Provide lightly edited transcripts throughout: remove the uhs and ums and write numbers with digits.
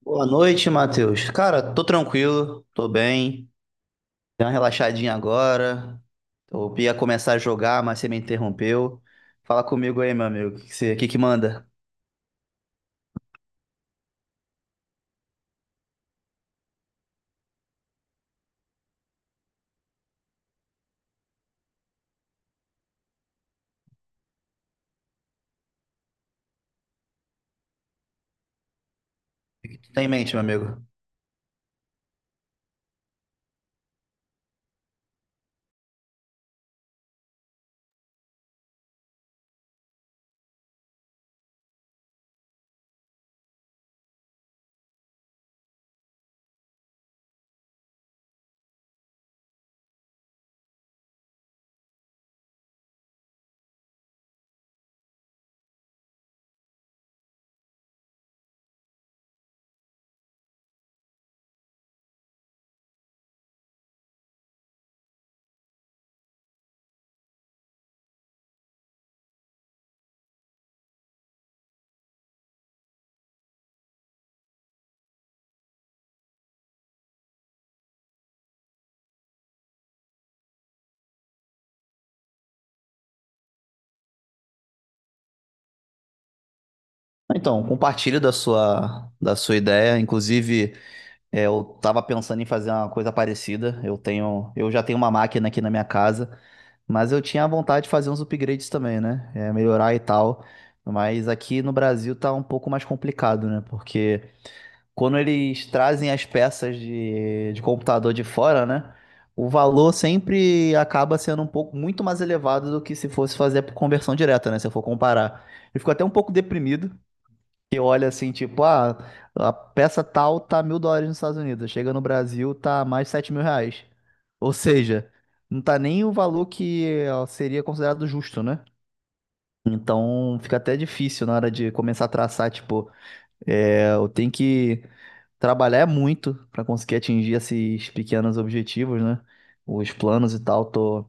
Boa noite, Matheus. Cara, tô tranquilo, tô bem. Dei uma relaxadinha agora. Eu ia começar a jogar, mas você me interrompeu. Fala comigo aí, meu amigo. O que que manda? O que tá em mente, meu amigo. Então, compartilho da sua ideia. Inclusive, eu tava pensando em fazer uma coisa parecida. Eu já tenho uma máquina aqui na minha casa, mas eu tinha vontade de fazer uns upgrades também, né? É, melhorar e tal. Mas aqui no Brasil tá um pouco mais complicado, né? Porque quando eles trazem as peças de computador de fora, né? O valor sempre acaba sendo um pouco muito mais elevado do que se fosse fazer por conversão direta, né? Se eu for comparar. Eu fico até um pouco deprimido, que olha assim, tipo, ah, a peça tal tá $1.000 nos Estados Unidos, chega no Brasil, tá mais de R$ 7.000. Ou seja, não tá nem o valor que ó, seria considerado justo, né? Então fica até difícil na hora de começar a traçar, tipo, é, eu tenho que trabalhar muito para conseguir atingir esses pequenos objetivos, né? Os planos e tal, tô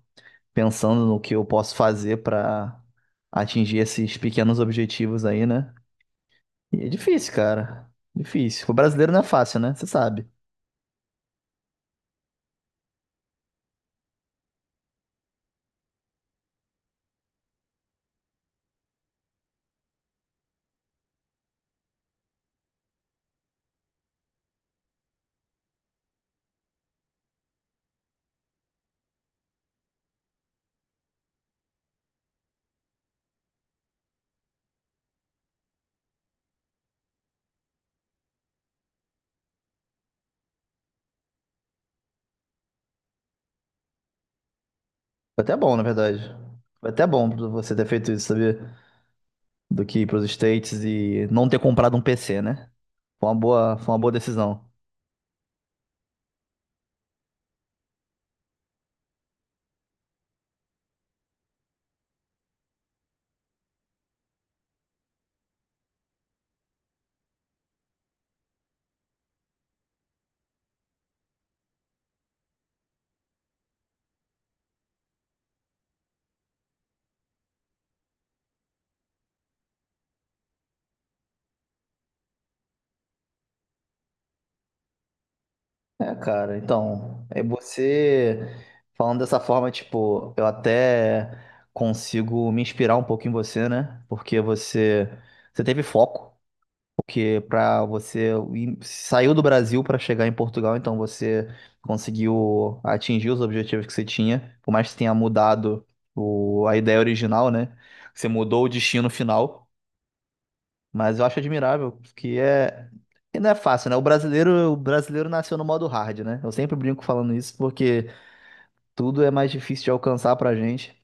pensando no que eu posso fazer para atingir esses pequenos objetivos aí, né? E é difícil, cara. Difícil. O brasileiro não é fácil, né? Você sabe. Foi até bom, na verdade. Foi até bom você ter feito isso, sabia? Do que ir pros States e não ter comprado um PC, né? Foi uma boa decisão. É, cara, então, é você falando dessa forma, tipo, eu até consigo me inspirar um pouco em você, né? Você teve foco, porque saiu do Brasil pra chegar em Portugal, então você conseguiu atingir os objetivos que você tinha, por mais que tenha mudado a ideia original, né? Você mudou o destino final. Mas eu acho admirável, que é. Que não é fácil, né? O brasileiro nasceu no modo hard, né? Eu sempre brinco falando isso porque tudo é mais difícil de alcançar pra gente.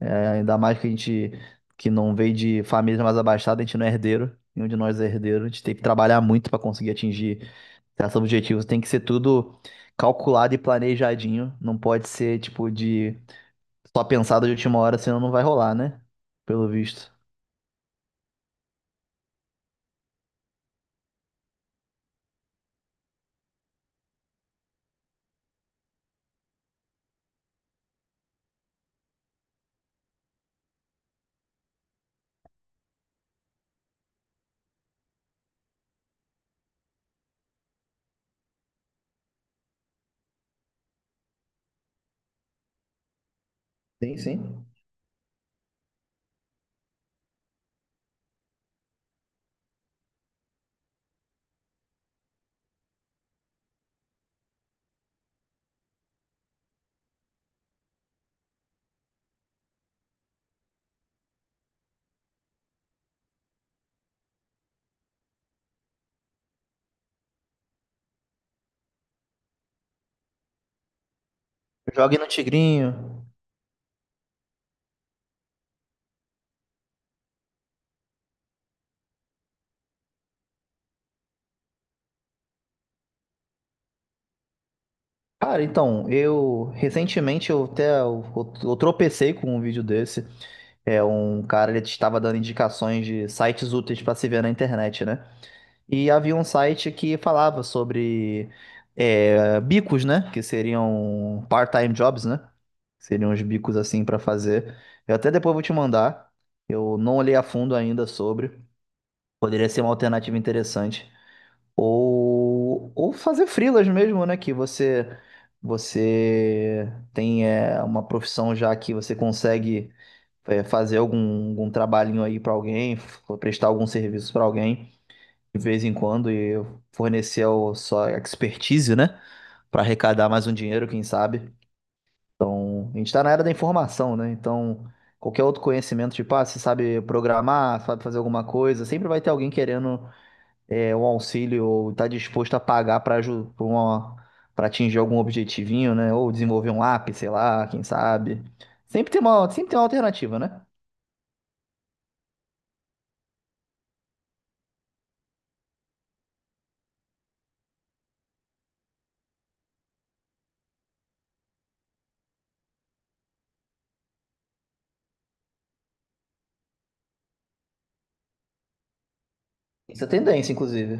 É, ainda mais que a gente que não veio de família mais abastada, a gente não é herdeiro. Nenhum de nós é herdeiro. A gente tem que trabalhar muito pra conseguir atingir certos objetivos. Tem que ser tudo calculado e planejadinho. Não pode ser, tipo, de só pensado de última hora, senão não vai rolar, né? Pelo visto. Sim, sim. Jogue no Tigrinho. Cara, então, eu recentemente eu até eu tropecei com um vídeo desse. É um cara, ele estava dando indicações de sites úteis para se ver na internet, né? E havia um site que falava sobre bicos, né? Que seriam part-time jobs, né? Seriam uns bicos assim para fazer. Eu até depois vou te mandar. Eu não olhei a fundo ainda sobre. Poderia ser uma alternativa interessante. Ou fazer freelas mesmo, né? Que você tem uma profissão, já que você consegue fazer algum trabalhinho aí pra alguém, prestar algum serviço pra alguém de vez em quando e fornecer a sua expertise, né? Pra arrecadar mais um dinheiro, quem sabe. Então, a gente tá na era da informação, né? Então, qualquer outro conhecimento, tipo, ah, você sabe programar, sabe fazer alguma coisa, sempre vai ter alguém querendo um auxílio, ou está disposto a pagar para atingir algum objetivinho, né? Ou desenvolver um app, sei lá, quem sabe. Sempre tem uma alternativa, né? Isso é tendência, inclusive.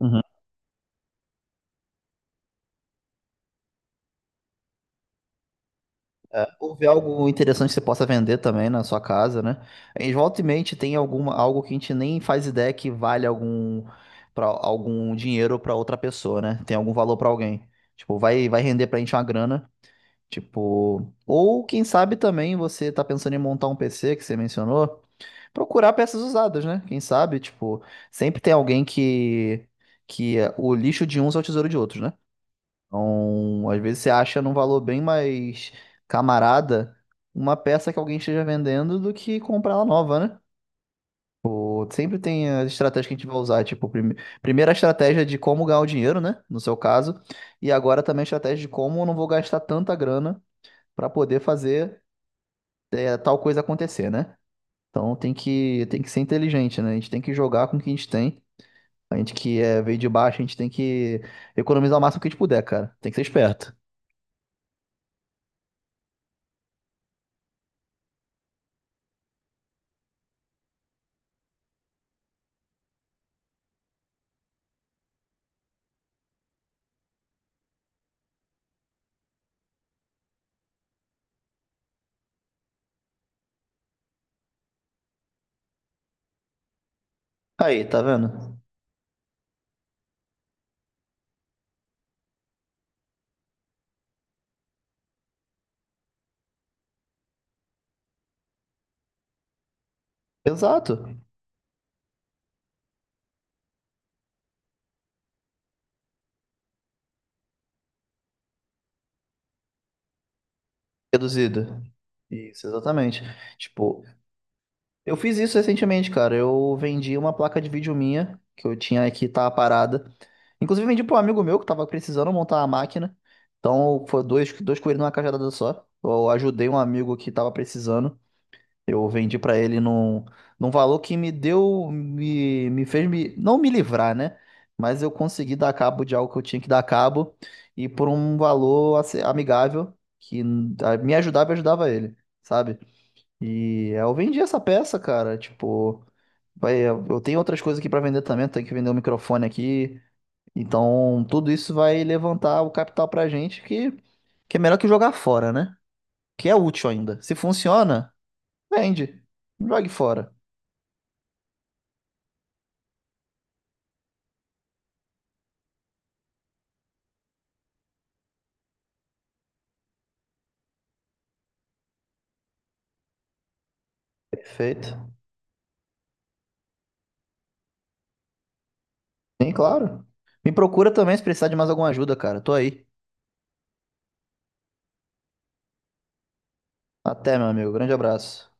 Uhum. É, ou ver algo interessante que você possa vender também na sua casa, né? Em volta e meia, tem algo que a gente nem faz ideia que vale algum dinheiro para outra pessoa, né? Tem algum valor para alguém. Tipo, vai render pra gente uma grana. Tipo, ou quem sabe também, você tá pensando em montar um PC, que você mencionou, procurar peças usadas, né? Quem sabe, tipo, sempre tem alguém que o lixo de uns é o tesouro de outros, né? Então, às vezes você acha num valor bem mais camarada uma peça que alguém esteja vendendo do que comprar ela nova, né? Ou sempre tem as estratégias que a gente vai usar, tipo, primeiro a estratégia de como ganhar o dinheiro, né? No seu caso, e agora também a estratégia de como eu não vou gastar tanta grana para poder fazer tal coisa acontecer, né? Então tem que ser inteligente, né? A gente tem que jogar com o que a gente tem. A gente que é, veio de baixo, a gente tem que economizar o máximo que a gente puder, cara. Tem que ser esperto. Aí, tá vendo? Exato. Reduzido. Isso, exatamente. Tipo, eu fiz isso recentemente, cara. Eu vendi uma placa de vídeo minha, que eu tinha aqui, tava parada. Inclusive, vendi pra um amigo meu que tava precisando montar a máquina. Então, foi dois, dois coelhos numa cajadada só. Eu ajudei um amigo que tava precisando. Eu vendi pra ele num valor que me deu, me fez me, não me livrar, né? Mas eu consegui dar cabo de algo que eu tinha que dar cabo, e por um valor amigável que me ajudava e ajudava ele, sabe? E eu vendi essa peça, cara. Tipo, vai, eu tenho outras coisas aqui pra vender também, tenho que vender um microfone aqui. Então, tudo isso vai levantar o capital pra gente, que é melhor que jogar fora, né? Que é útil ainda. Se funciona, vende. Não jogue fora. Perfeito. Sim, claro. Me procura também se precisar de mais alguma ajuda, cara. Tô aí. Até, meu amigo. Grande abraço.